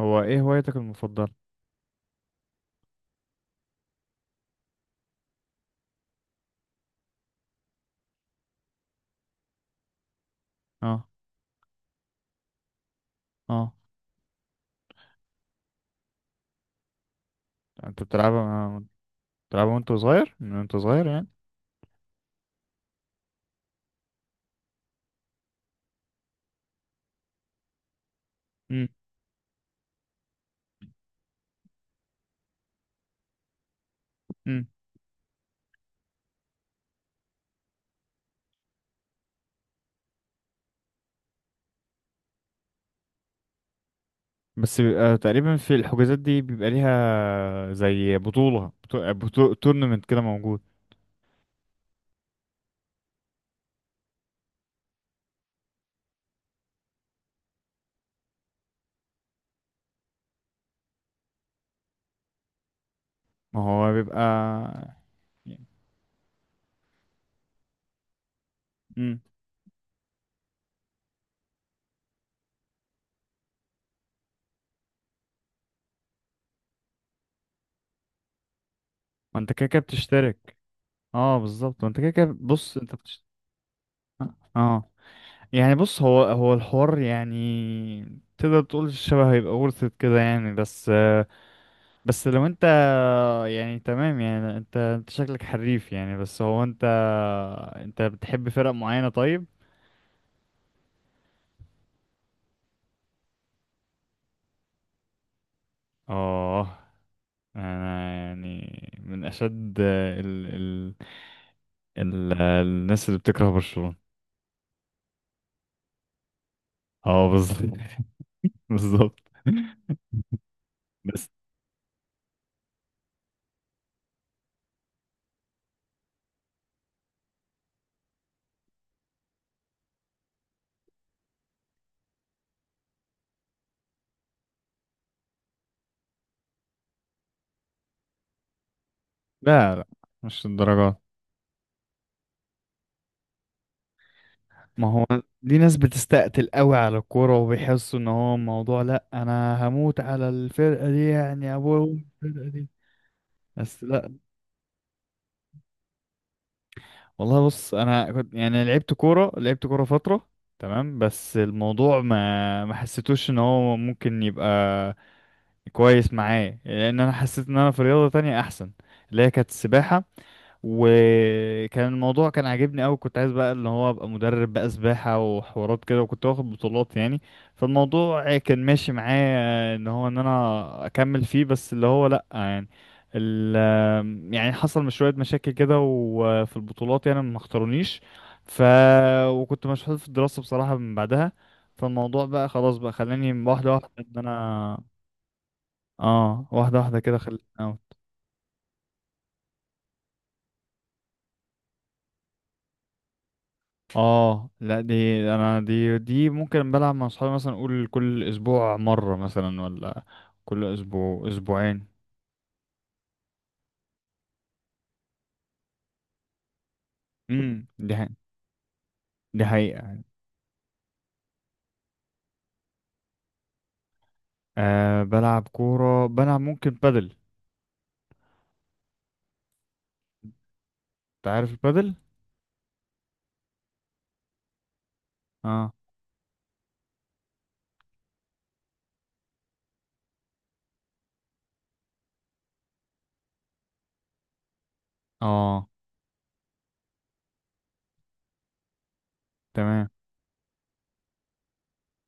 هو ايه هوايتك المفضلة؟ اه، اه. انت بتلعبها، بتلعبها وانت صغير، من وانت صغير يعني؟ امم امم بس بيبقى تقريبا في الحجوزات دي بيبقى ليها زي بطولة تورنمنت كده موجود؟ ما هو بيبقى. امم ما انت كده كده بتشترك. اه، بالظبط، ما انت كده كده، بص انت بتشترك. اه، يعني بص، هو الحوار، يعني تقدر تقول الشبه هيبقى ورثة كده يعني، بس، بس لو انت، اه يعني تمام، يعني انت شكلك حريف يعني، بس هو انت. انت بتحب فرق معينة طيب؟ اه، انا يعني من اشد الناس اللي بتكره برشلونة. اه، بالظبط بالظبط. بس لا، لا، مش الدرجات. ما هو دي ناس بتستقتل قوي على الكورة وبيحسوا ان هو موضوع، لا انا هموت على الفرقة دي، يعني ابويا الفرقة دي. بس لا، والله بص انا كنت يعني لعبت كوره فتره، تمام، بس الموضوع ما حسيتوش ان هو ممكن يبقى كويس معايا، لان انا حسيت ان انا في رياضه تانية احسن، اللي هي كانت السباحه، وكان الموضوع كان عاجبني قوي، كنت عايز بقى اللي هو ابقى مدرب بقى سباحة وحوارات كده، وكنت واخد بطولات يعني. فالموضوع كان ماشي معايا ان هو ان انا اكمل فيه، بس اللي هو لا يعني، ال، يعني حصل مش شوية مشاكل كده، وفي البطولات يعني ما اختارونيش. ف وكنت مشغول في الدراسة بصراحة من بعدها. فالموضوع بقى خلاص، بقى خلاني واحدة واحدة ان انا. اه، واحدة واحدة كده خلاني. اه، لا دي، انا دي ممكن بلعب مع اصحابي مثلا، اقول كل اسبوع مرة مثلا، ولا كل اسبوع اسبوعين. دي حقيقة. دي حقيقة يعني. آه، بلعب كورة، بلعب ممكن بادل. انت عارف البادل؟ اه، اه، تمام.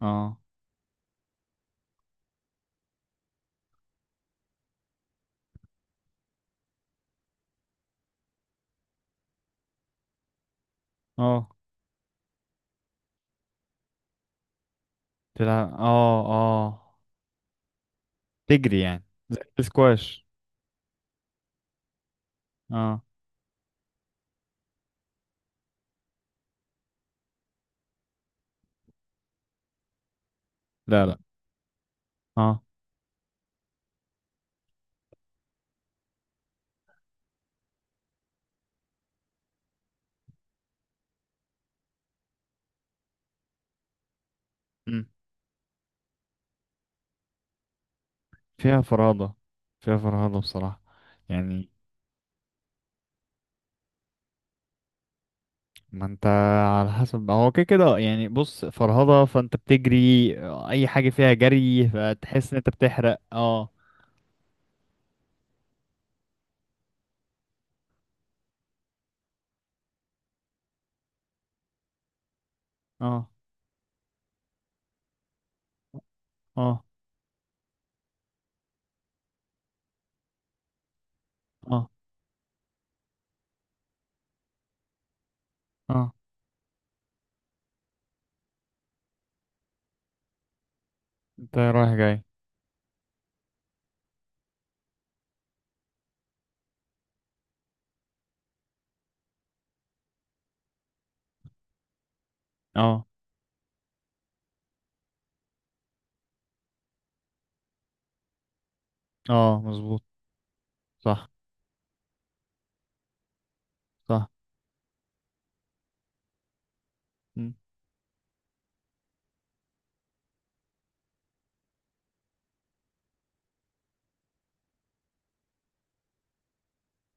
اه، اه. تلعب، اه، اه، تجري يعني. سكواش. اه، لا، لا. اه، امم فيها فرهضة. فيها فرهضة بصراحة يعني. ما انت، على حسب، هو كده كده يعني، بص فرهضة فانت بتجري، اي حاجة فيها جري فتحس ان انت بتحرق، اه. اه، اه، اه. اه انت رايح جاي. اه، اه، مظبوط، صح، صح. مم.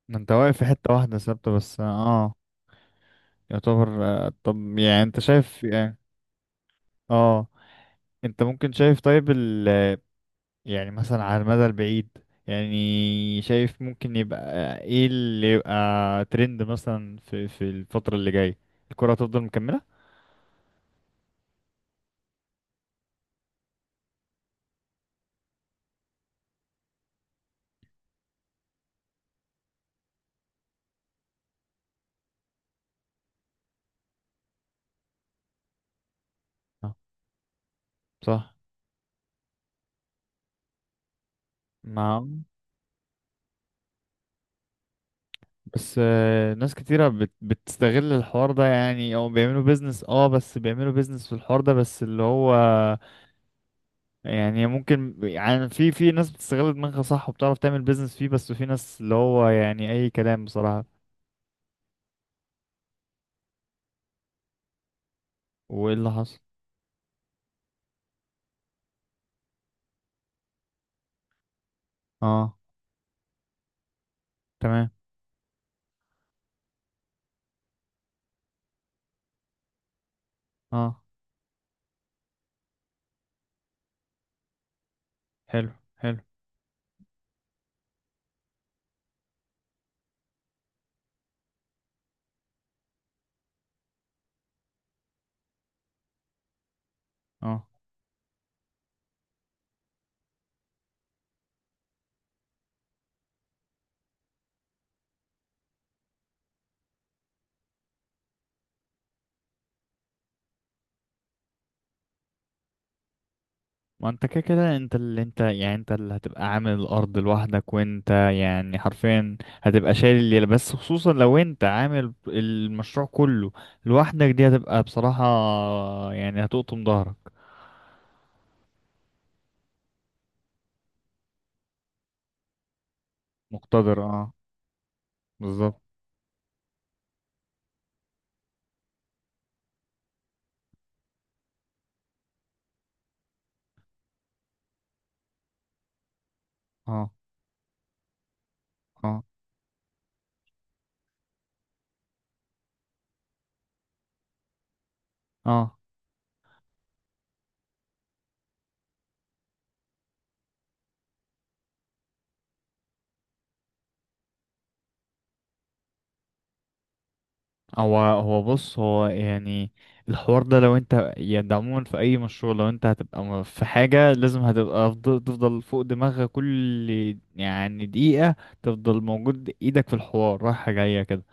ما انت واقف في حتة واحدة ثابتة بس، اه. يعتبر، طب يعني انت شايف يعني، اه، انت ممكن شايف، طيب يعني مثلا على المدى البعيد، يعني شايف ممكن يبقى ايه اللي يبقى ترند مثلا في الفترة اللي جاية، الكرة هتفضل مكملة؟ آه، صح. ما بس، ناس كتيرة بتستغل الحوار ده يعني، او بيعملوا بيزنس، بس بيعملوا بيزنس في الحوار ده، بس اللي هو يعني ممكن يعني في ناس بتستغل دماغها صح وبتعرف تعمل بيزنس فيه، بس في ناس اللي هو يعني اي كلام بصراحة. وايه اللي حصل؟ اه، تمام. اه، حلو، حلو. اه، ما انت كده كده، انت اللي هتبقى عامل الارض لوحدك، وانت يعني حرفيا هتبقى شايل الليلة، بس خصوصا لو انت عامل المشروع كله لوحدك، دي هتبقى بصراحة يعني هتقطم ظهرك. مقتدر، اه، بالظبط. اه، اه، اه، هو بص، هو يعني الحوار ده لو انت يعني، ده عموما في اي مشروع لو انت هتبقى، في حاجة لازم هتبقى تفضل فوق دماغك، كل يعني دقيقة تفضل موجود، ايدك في الحوار رايحة جاية كده.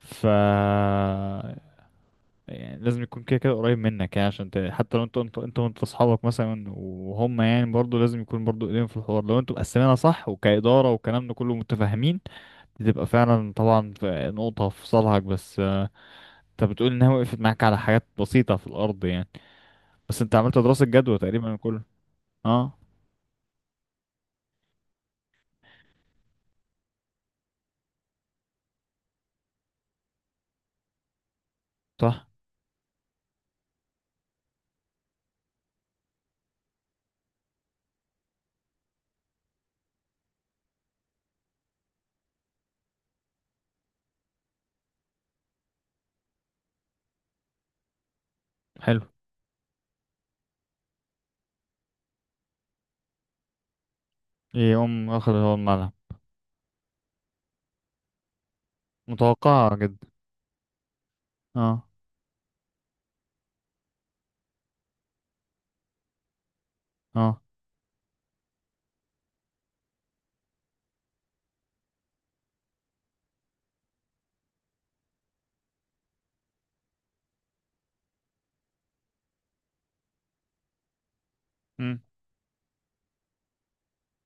ف يعني لازم يكون كده كده قريب منك، يعني عشان حتى لو انت وانت اصحابك مثلا، وهم يعني برضو لازم يكون برضو ايديهم في الحوار، لو انتوا مقسمينها صح وكإدارة والكلام ده كله متفاهمين، بتبقى فعلا طبعا في نقطة في صالحك. بس انت بتقول انها وقفت معاك على حاجات بسيطة في الارض يعني، بس انت عملت دراسة جدوى تقريبا كله. اه، صح. حلو، يقوم واخد هو الملعب، متوقعة جدا. اه، اه. امم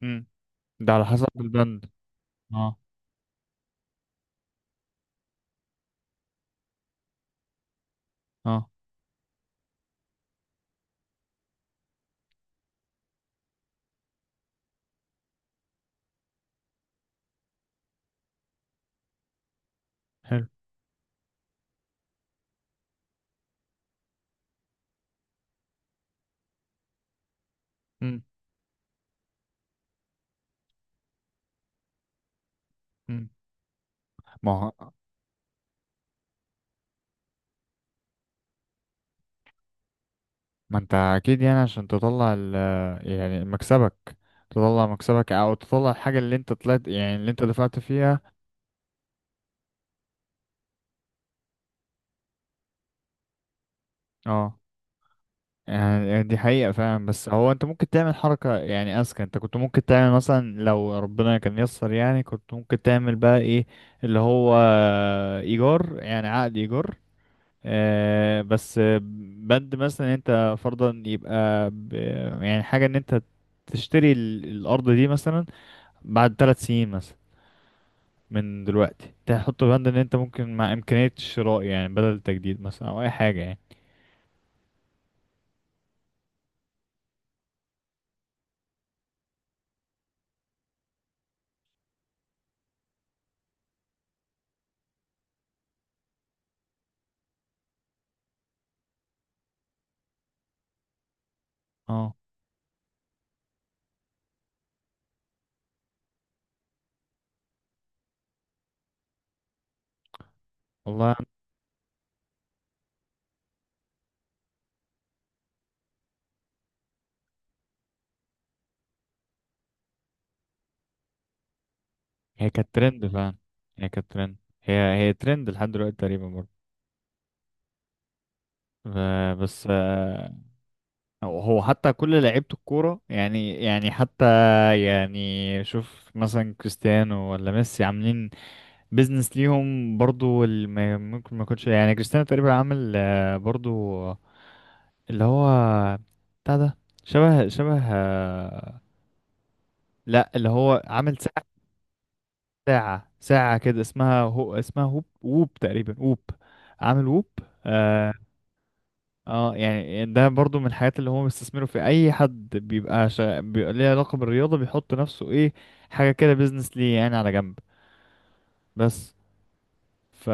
امم ده على حسب البند. اه، اه، حلو. امم امم ما هو ما انت اكيد يعني، عشان تطلع يعني مكسبك، تطلع مكسبك او تطلع الحاجة اللي انت طلعت يعني، اللي انت دفعت فيها. اه، يعني دي حقيقة فعلا. بس هو انت ممكن تعمل حركة يعني اذكى، انت كنت ممكن تعمل مثلا لو ربنا كان يسر يعني، كنت ممكن تعمل بقى ايه، اللي هو ايجار، يعني عقد ايجار، آه، بس بند مثلا انت فرضا يبقى، يعني حاجة ان انت تشتري، الارض دي مثلا بعد 3 سنين مثلا من دلوقتي، تحط بند ان انت ممكن مع امكانية الشراء، يعني بدل التجديد مثلا، او اي حاجة يعني. اه، والله هي كانت ترند فعلا. هي كانت ترند. هي ترند لحد دلوقتي تقريبا برضه. بس، هو حتى كل لعيبة الكورة يعني حتى، يعني شوف مثلا كريستيانو ولا ميسي عاملين بيزنس ليهم برضو، اللي ممكن ما يكونش، يعني كريستيانو تقريبا عامل، برضو اللي هو بتاع ده، شبه شبه، لا اللي هو عامل ساعة، ساعة كده اسمها، هو اسمها هوب، ووب تقريبا، ووب، عامل ووب. اه, يعني ده برضو من الحاجات اللي هم بيستثمروا، في أي حد بيبقى، بيبقى ليه علاقة بالرياضة، بيحط نفسه إيه حاجة كده، بيزنس ليه يعني على جنب، بس، ف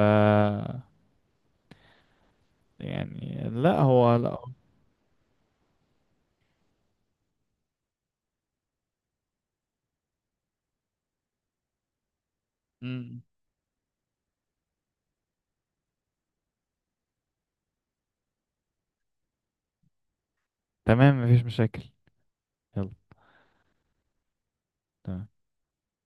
يعني لا هو لا. مم. تمام، مفيش مشاكل، يلا، تمام.